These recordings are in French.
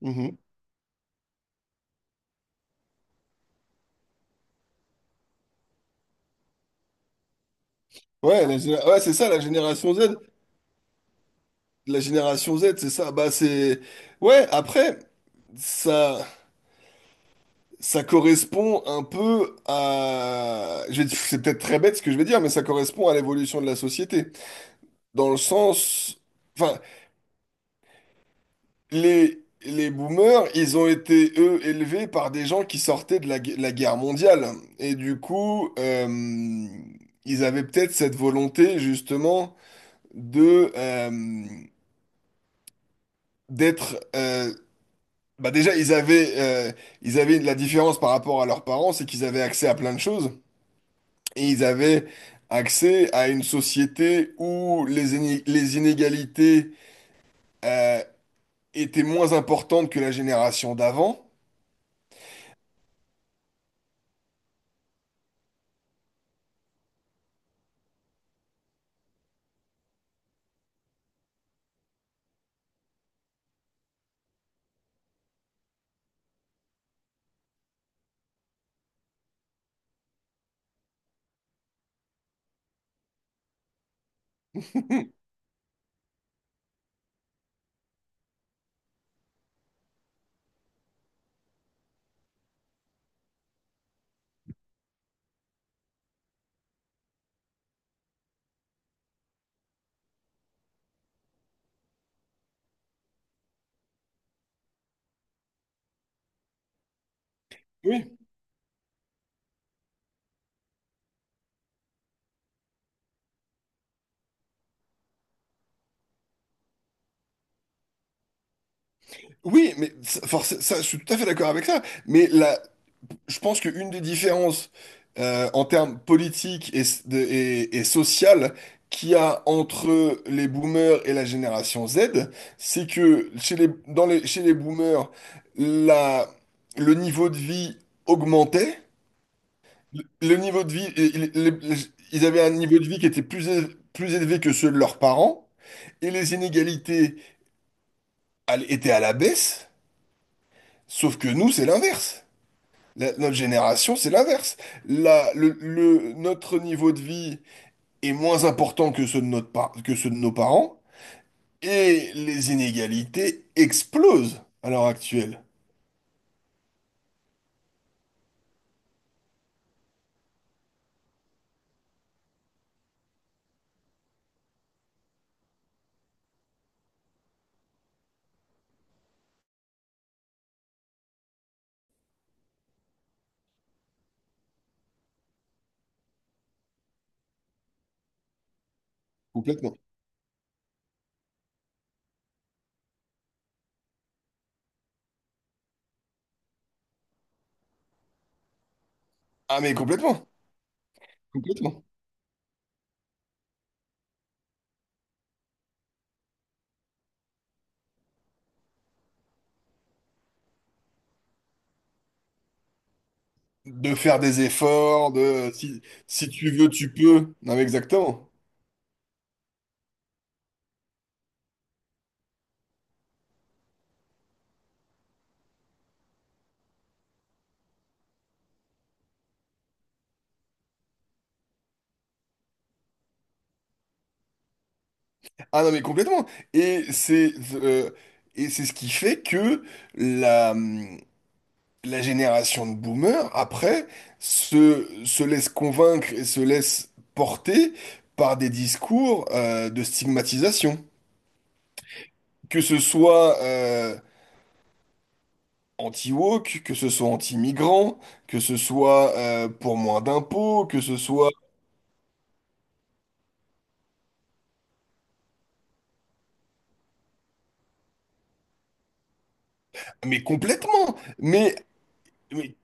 Mhm. Ouais, ouais, c'est ça, la génération Z. La génération Z, c'est ça. Bah, c'est... Ouais, après, ça, ça correspond un peu à... C'est peut-être très bête ce que je vais dire, mais ça correspond à l'évolution de la société. Dans le sens... Enfin, les boomers, ils ont été, eux, élevés par des gens qui sortaient de la guerre mondiale. Et du coup, ils avaient peut-être cette volonté, justement, de... euh, d'être bah déjà, ils avaient la différence par rapport à leurs parents, c'est qu'ils avaient accès à plein de choses et ils avaient accès à une société où les inégalités euh, étaient moins importantes que la génération d'avant. Oui. Oui, mais ça, ça, je suis tout à fait d'accord avec ça. Mais là, je pense qu'une des différences en termes politiques et sociales qu'il y a entre les boomers et la génération Z, c'est que chez les boomers, la, le niveau de vie augmentait. Le niveau de vie, ils avaient un niveau de vie qui était plus élevé que ceux de leurs parents, et les inégalités elles étaient à la baisse, sauf que nous, c'est l'inverse. Notre génération, c'est l'inverse. Notre niveau de vie est moins important que ceux de que ceux de nos parents, et les inégalités explosent à l'heure actuelle. Complètement. Ah mais complètement, complètement. De faire des efforts, de si, si tu veux, tu peux. Non mais exactement. Ah non mais complètement. Et c'est c'est ce qui fait que la hum, la génération de boomers, après, se laisse convaincre et se laisse porter par des discours de stigmatisation. Que ce soit anti-woke, que ce soit anti-migrant, que ce soit pour moins d'impôts, que ce soit... Mais complètement! Mais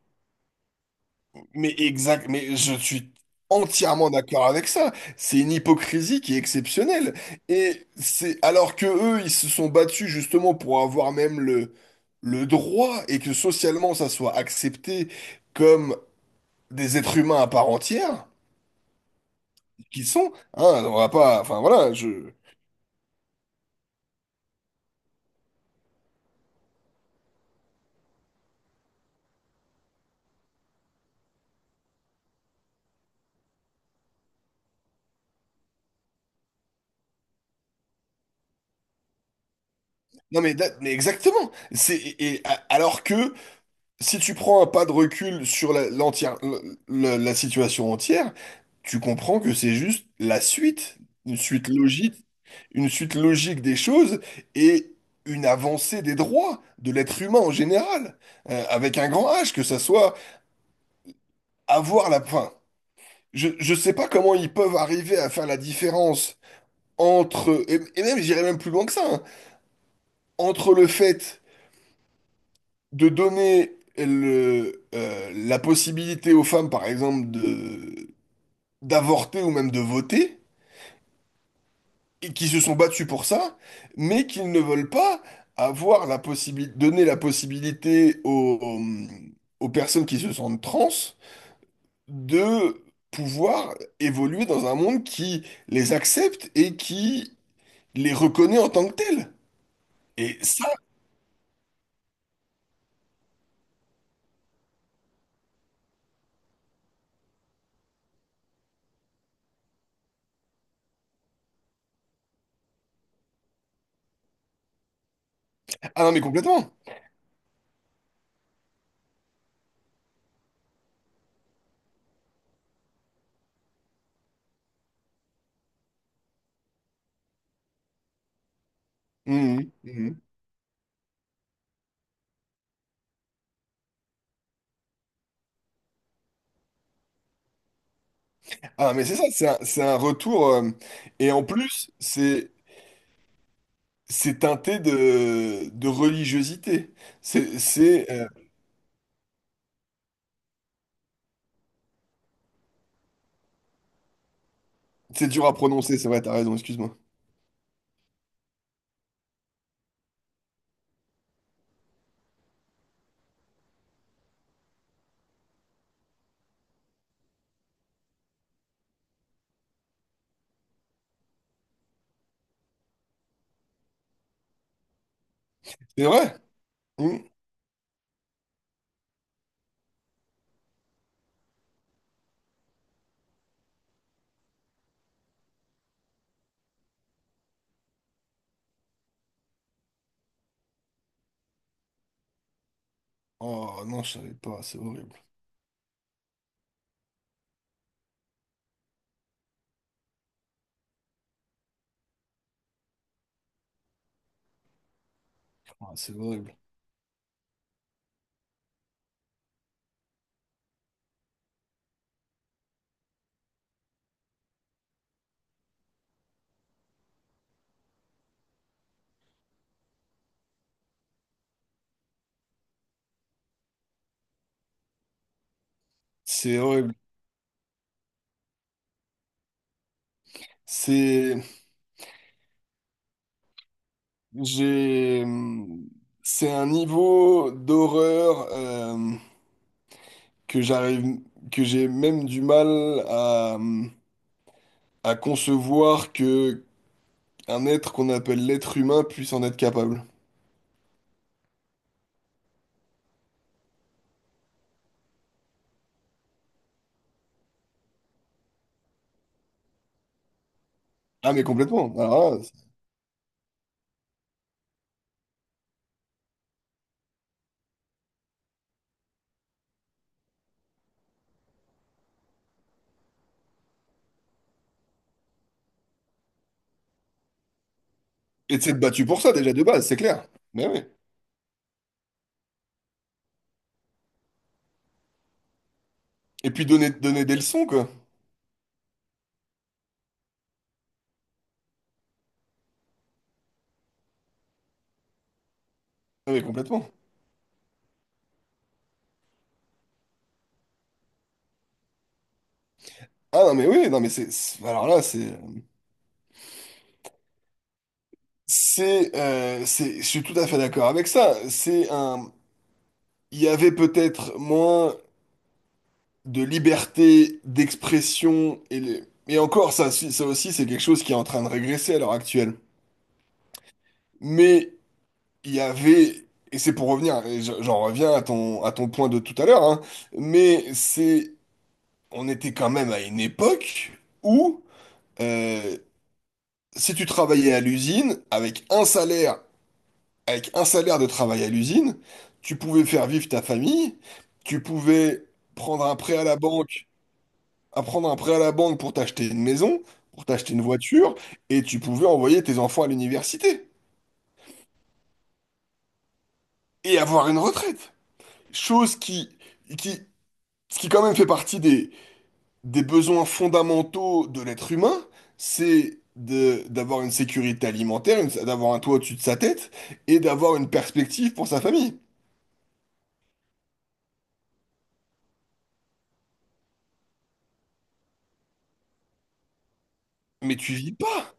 Mais exact, mais je suis entièrement d'accord avec ça. C'est une hypocrisie qui est exceptionnelle. Et c'est alors que eux, ils se sont battus justement pour avoir même le droit et que socialement ça soit accepté comme des êtres humains à part entière, qu'ils sont. Hein, on va pas, enfin voilà, je. Non mais, mais exactement. C'est alors que si tu prends un pas de recul sur la, l'entière, le- la situation entière, tu comprends que c'est juste la suite, une suite logique, une suite logique des choses et une avancée des droits de l'être humain en général, avec un grand H, que ça soit avoir la... fin, je sais pas comment ils peuvent arriver à faire la différence entre, et même j'irais même plus loin que ça, hein, entre le fait de donner la possibilité aux femmes, par exemple, de d'avorter ou même de voter, et qui se sont battus pour ça, mais qu'ils ne veulent pas avoir la possibilité, donner la possibilité aux, aux personnes qui se sentent trans de pouvoir évoluer dans un monde qui les accepte et qui les reconnaît en tant que tels. Et ça, ah non mais complètement. Mhm, mhm. Ah mais c'est ça, c'est un retour. Et en plus, c'est teinté de religiosité. C'est c'est, euh, C'est dur à prononcer, c'est vrai, t'as raison, excuse-moi. C'est vrai? Hmm. Oh non, je savais pas, c'est horrible. Ah, c'est horrible. C'est horrible. C'est. J'ai. C'est un niveau d'horreur que j'arrive. Que j'ai même du mal à concevoir que un être qu'on appelle l'être humain puisse en être capable. Ah, mais complètement. Et de s'être battu pour ça déjà de base, c'est clair. Mais oui. Et puis donner des leçons, quoi. Ah, mais complètement. Ah non mais oui, non mais alors là c'est je suis tout à fait d'accord avec ça. C'est un Il y avait peut-être moins de liberté d'expression et encore ça aussi c'est quelque chose qui est en train de régresser à l'heure actuelle. Mais il y avait Et c'est pour revenir et j'en reviens à ton point de tout à l'heure hein, mais c'est on était quand même à une époque où euh, si tu travaillais à l'usine avec un salaire de travail à l'usine, tu pouvais faire vivre ta famille, tu pouvais prendre un prêt à la banque, à prendre un prêt à la banque pour t'acheter une maison, pour t'acheter une voiture, et tu pouvais envoyer tes enfants à l'université et avoir une retraite. Chose qui, ce qui quand même fait partie des besoins fondamentaux de l'être humain, c'est d'avoir une sécurité alimentaire, d'avoir un toit au-dessus de sa tête et d'avoir une perspective pour sa famille. Mais tu vis pas,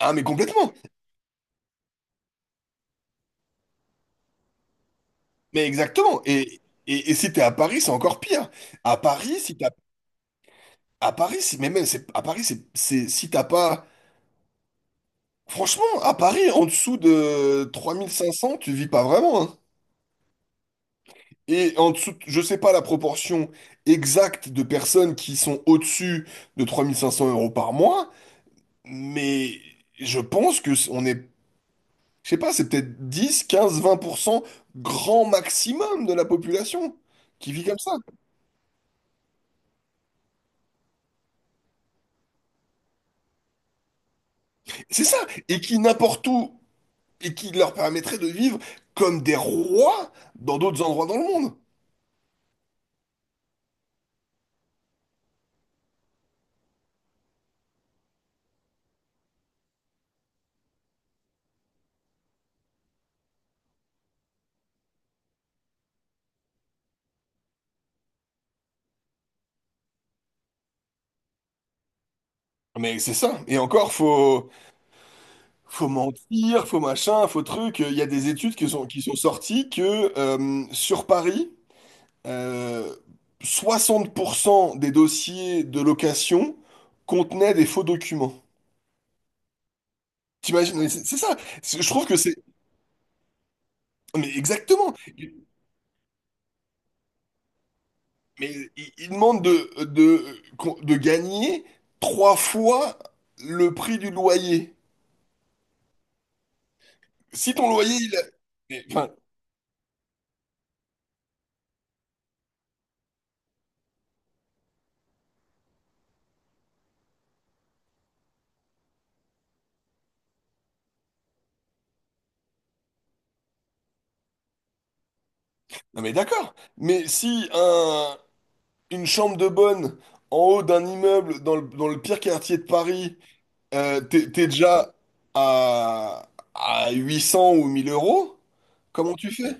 ah mais complètement. Mais exactement. Et si t'es à Paris, c'est encore pire. À Paris, si t'as, à Paris, si, mais même, c'est, à Paris, c'est, si t'as pas, franchement, à Paris, en dessous de 3 500, tu vis pas vraiment, hein. Et en dessous, je sais pas la proportion exacte de personnes qui sont au-dessus de 3 500 € par mois, mais je pense que on est, je sais pas, c'est peut-être dix, quinze, vingt pour cent, grand maximum de la population qui vit comme ça. C'est ça, et qui n'importe où et qui leur permettrait de vivre comme des rois dans d'autres endroits dans le monde. Mais c'est ça. Et encore, faut, faut mentir, faut machin, faut truc. Il y a des études qui sont sorties que sur Paris, euh, 60 % des dossiers de location contenaient des faux documents. T'imagines, mais c'est ça. C'est... Je trouve que c'est... Mais exactement. Mais ils demandent de gagner trois fois le prix du loyer. Si ton loyer, il a- Mais, enfin, non mais d'accord, mais si un, une chambre de bonne en haut d'un immeuble dans le pire quartier de Paris, t'es déjà à, à 800 ou 1000 euros, comment tu fais?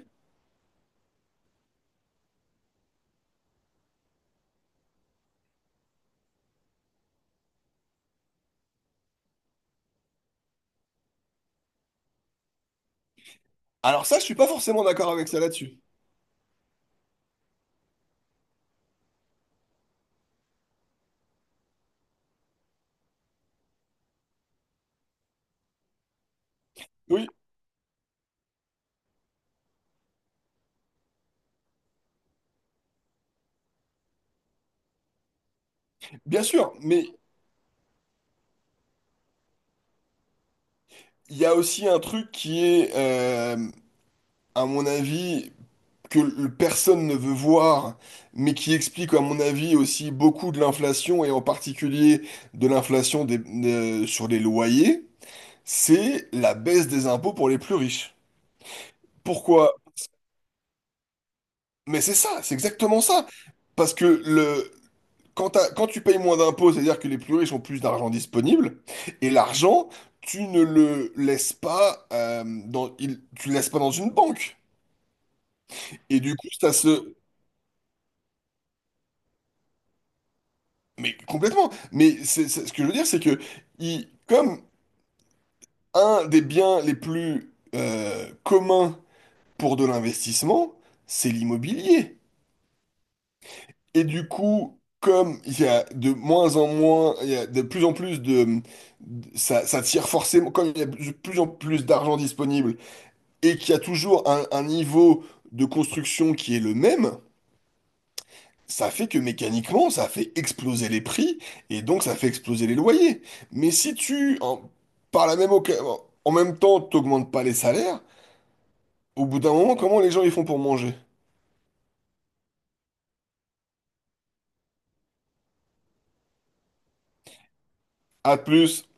Alors ça, je suis pas forcément d'accord avec ça là-dessus. Oui, bien sûr, mais il y a aussi un truc à mon avis, personne ne veut voir, mais qui explique, à mon avis, aussi beaucoup de l'inflation, et en particulier de l'inflation des- sur les loyers, c'est la baisse des impôts pour les plus riches. Pourquoi? Mais c'est ça, c'est exactement ça. Parce que quand tu payes moins d'impôts, c'est-à-dire que les plus riches ont plus d'argent disponible, et l'argent, tu ne le laisses pas, tu le laisses pas dans une banque. Et du coup, ça se, mais complètement. Mais ce que je veux dire, c'est que comme un des biens les plus communs pour de l'investissement, c'est l'immobilier. Et du coup, comme il y a de moins en moins, il y a de plus en plus ça, ça tire forcément, comme il y a de plus en plus d'argent disponible et qu'il y a toujours un niveau de construction qui est le même. Ça fait que mécaniquement, ça fait exploser les prix et donc ça fait exploser les loyers. Mais si tu, en, par la même oca- en même temps, t'augmentes pas les salaires, au bout d'un moment, comment les gens ils font pour manger? À plus.